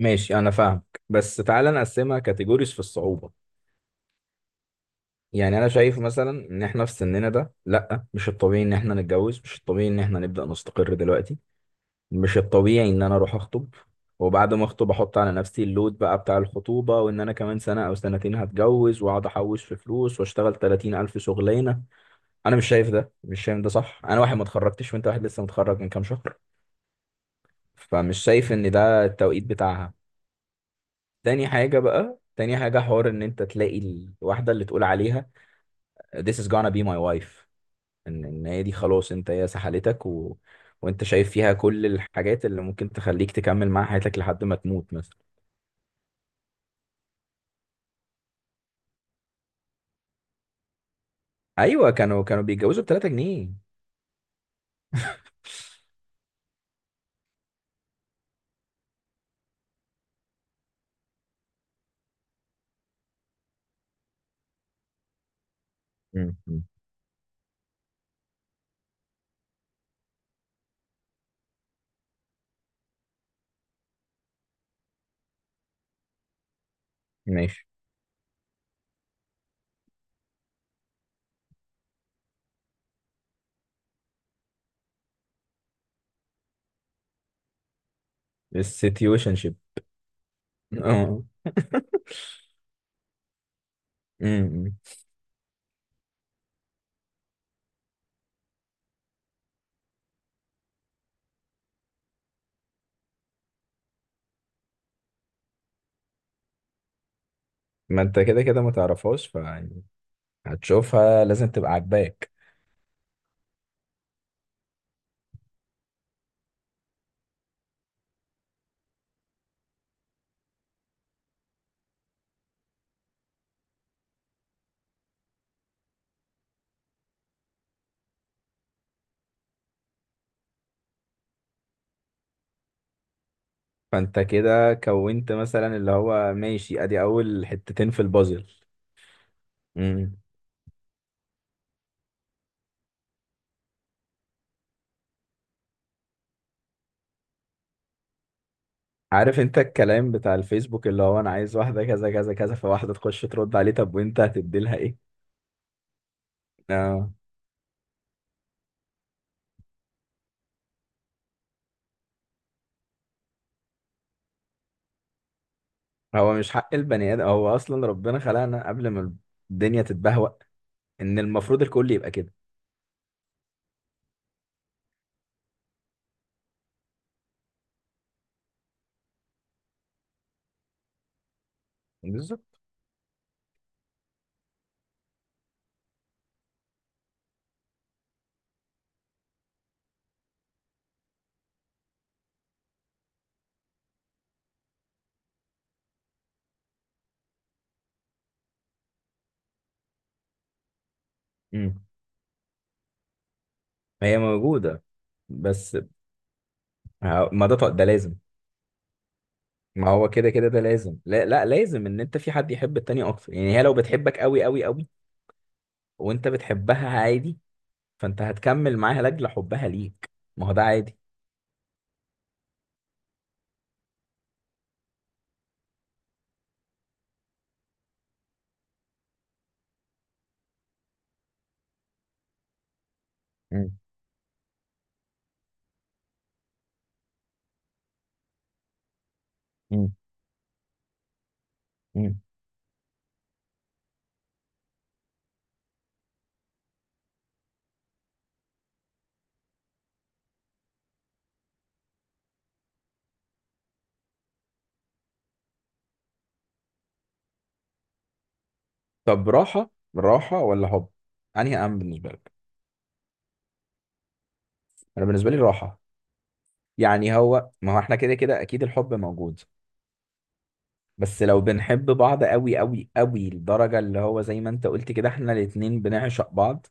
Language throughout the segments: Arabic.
ماشي، انا فاهمك. بس تعالى نقسمها كاتيجوريز في الصعوبة. يعني انا شايف مثلا ان احنا في سننا ده، لا، مش الطبيعي ان احنا نتجوز، مش الطبيعي ان احنا نبدأ نستقر دلوقتي، مش الطبيعي ان انا اروح اخطب. وبعد ما اخطب احط على نفسي اللود بقى بتاع الخطوبة، وان انا كمان سنة او سنتين هتجوز، واقعد احوش في فلوس، واشتغل 30 الف شغلانة. انا مش شايف ده، مش شايف ده صح. انا واحد ما اتخرجتش، وانت واحد لسه متخرج من كام شهر. فمش شايف ان ده التوقيت بتاعها. تاني حاجة بقى، تاني حاجة، حوار ان انت تلاقي الواحدة اللي تقول عليها this is gonna be my wife. ان هي دي خلاص، انت هي سحلتك، و... وانت شايف فيها كل الحاجات اللي ممكن تخليك تكمل معاها حياتك لحد ما تموت مثلا. ايوه، كانوا بيتجوزوا ب 3 جنيه. مم. مم. ماشي. السيتويشن شيب. اه. أمم. ما انت كده كده ما تعرفهاش، فيعني هتشوفها لازم تبقى عاجباك. فانت كده كونت مثلا، اللي هو ماشي، ادي اول حتتين في البازل. عارف انت الكلام بتاع الفيسبوك اللي هو انا عايز واحده كذا كذا كذا، فواحده تخش ترد عليه، طب وانت هتدي لها ايه؟ اه. هو مش حق البني ادم، هو اصلا ربنا خلقنا قبل ما الدنيا تتبهوأ، ان المفروض الكل يبقى كده. بالظبط. امم. هي موجوده. بس ه- ما ده ط- ده لازم. ما هو كده كده، ده لازم، لا لا، لازم ان انت في حد يحب التاني اكتر. يعني هي لو بتحبك قوي قوي قوي، وانت بتحبها عادي، فانت هتكمل معاها لاجل حبها ليك. ما هو ده عادي. مم. مم. مم. طب، راحة ولا حب؟ انهي اهم بالنسبة لك؟ انا بالنسبة لي راحة. يعني هو، ما هو احنا كده كده اكيد الحب موجود. بس لو بنحب بعض قوي قوي قوي لدرجة اللي هو زي ما انت قلت كده احنا الاتنين بنعشق بعض،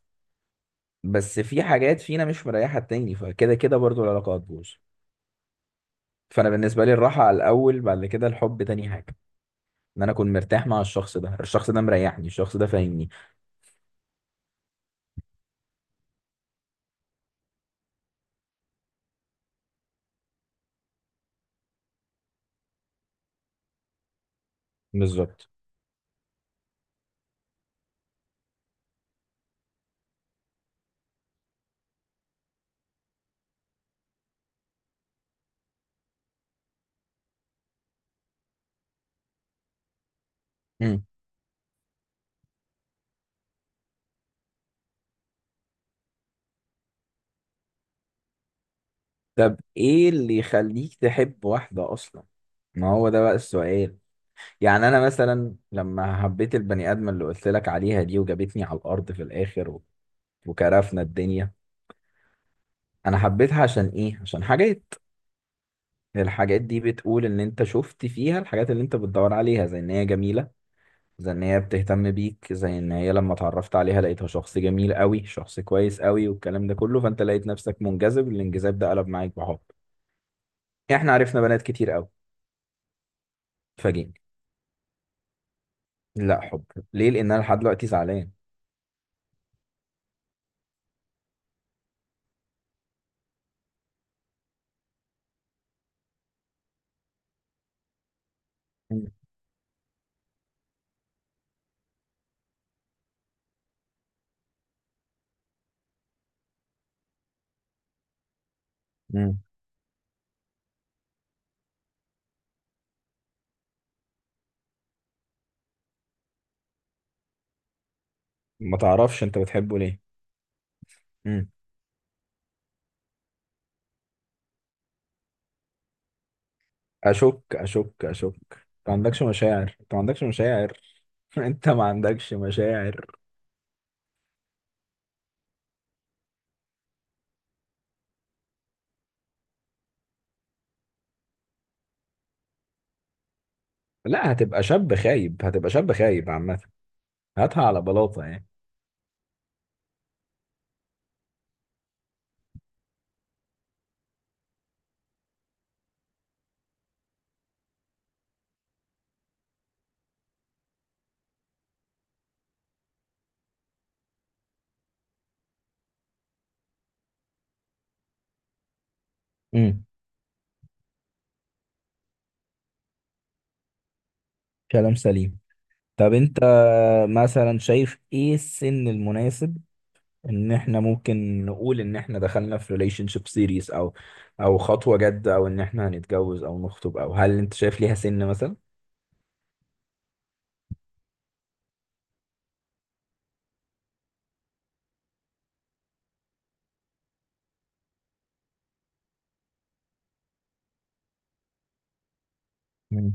بس في حاجات فينا مش مريحة التاني، فكده كده برضو العلاقة هتبوظ. فانا بالنسبة لي الراحة على الاول، بعد كده الحب تاني حاجة. ان انا اكون مرتاح مع الشخص ده، الشخص ده مريحني، الشخص ده فاهمني. بالظبط. مم. طب ايه اللي يخليك تحب واحدة اصلا؟ ما هو ده بقى السؤال. يعني انا مثلا لما حبيت البني ادم اللي قلت لك عليها دي، وجابتني على الارض في الاخر، وكرفنا الدنيا. انا حبيتها عشان ايه؟ عشان حاجات. الحاجات دي بتقول ان انت شفت فيها الحاجات اللي انت بتدور عليها، زي ان هي جميلة، زي ان هي بتهتم بيك، زي ان هي لما اتعرفت عليها لقيتها شخص جميل قوي، شخص كويس قوي، والكلام ده كله. فانت لقيت نفسك منجذب، الانجذاب ده قلب معاك بحب. احنا عرفنا بنات كتير قوي. فاجئني. لا، حب. ليه؟ لان انا لحد دلوقتي زعلان. مم. مم. ما تعرفش انت بتحبه ليه. مم. اشك، اشك، اشك. انت ما عندكش مشاعر، انت ما عندكش مشاعر. انت ما عندكش مشاعر. لا، هتبقى شاب خايب، هتبقى شاب خايب عامة. هاتها على بلاطة يعني. امم. كلام سليم. طب انت مثلا شايف ايه السن المناسب ان احنا ممكن نقول ان احنا دخلنا في ريليشن شيب سيريس، او خطوه جد، او ان احنا هنتجوز، او نخطب، او هل انت شايف ليها سن مثلا؟ مم.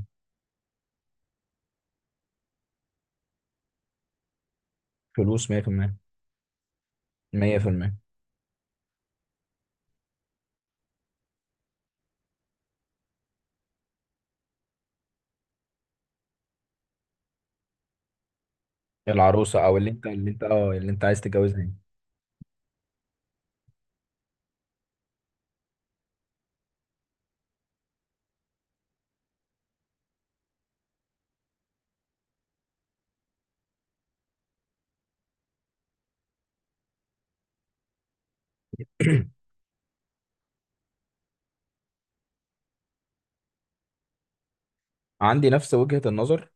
فلوس 100%. 100%. العروسه، او اللي انت، اللي انت عايز تتجوزها يعني. عندي نفس وجهه النظر.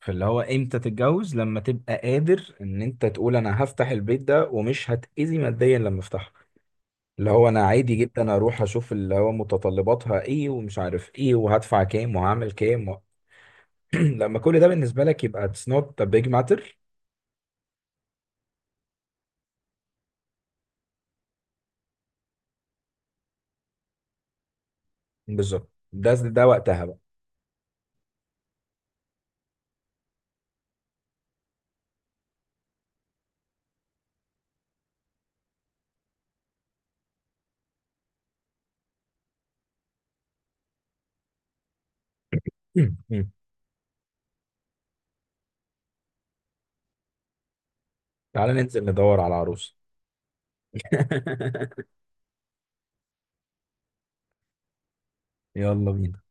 فاللي هو امتى تتجوز؟ لما تبقى قادر ان انت تقول انا هفتح البيت ده ومش هتأذي ماديا لما افتحه. اللي هو انا عادي جدا اروح اشوف اللي هو متطلباتها ايه ومش عارف ايه، وهدفع كام، وهعمل كام و... لما كل ده بالنسبة لك يبقى it's not a big matter. بالظبط. ده وقتها بقى. تعال ننزل ندور على عروس. يلا بينا.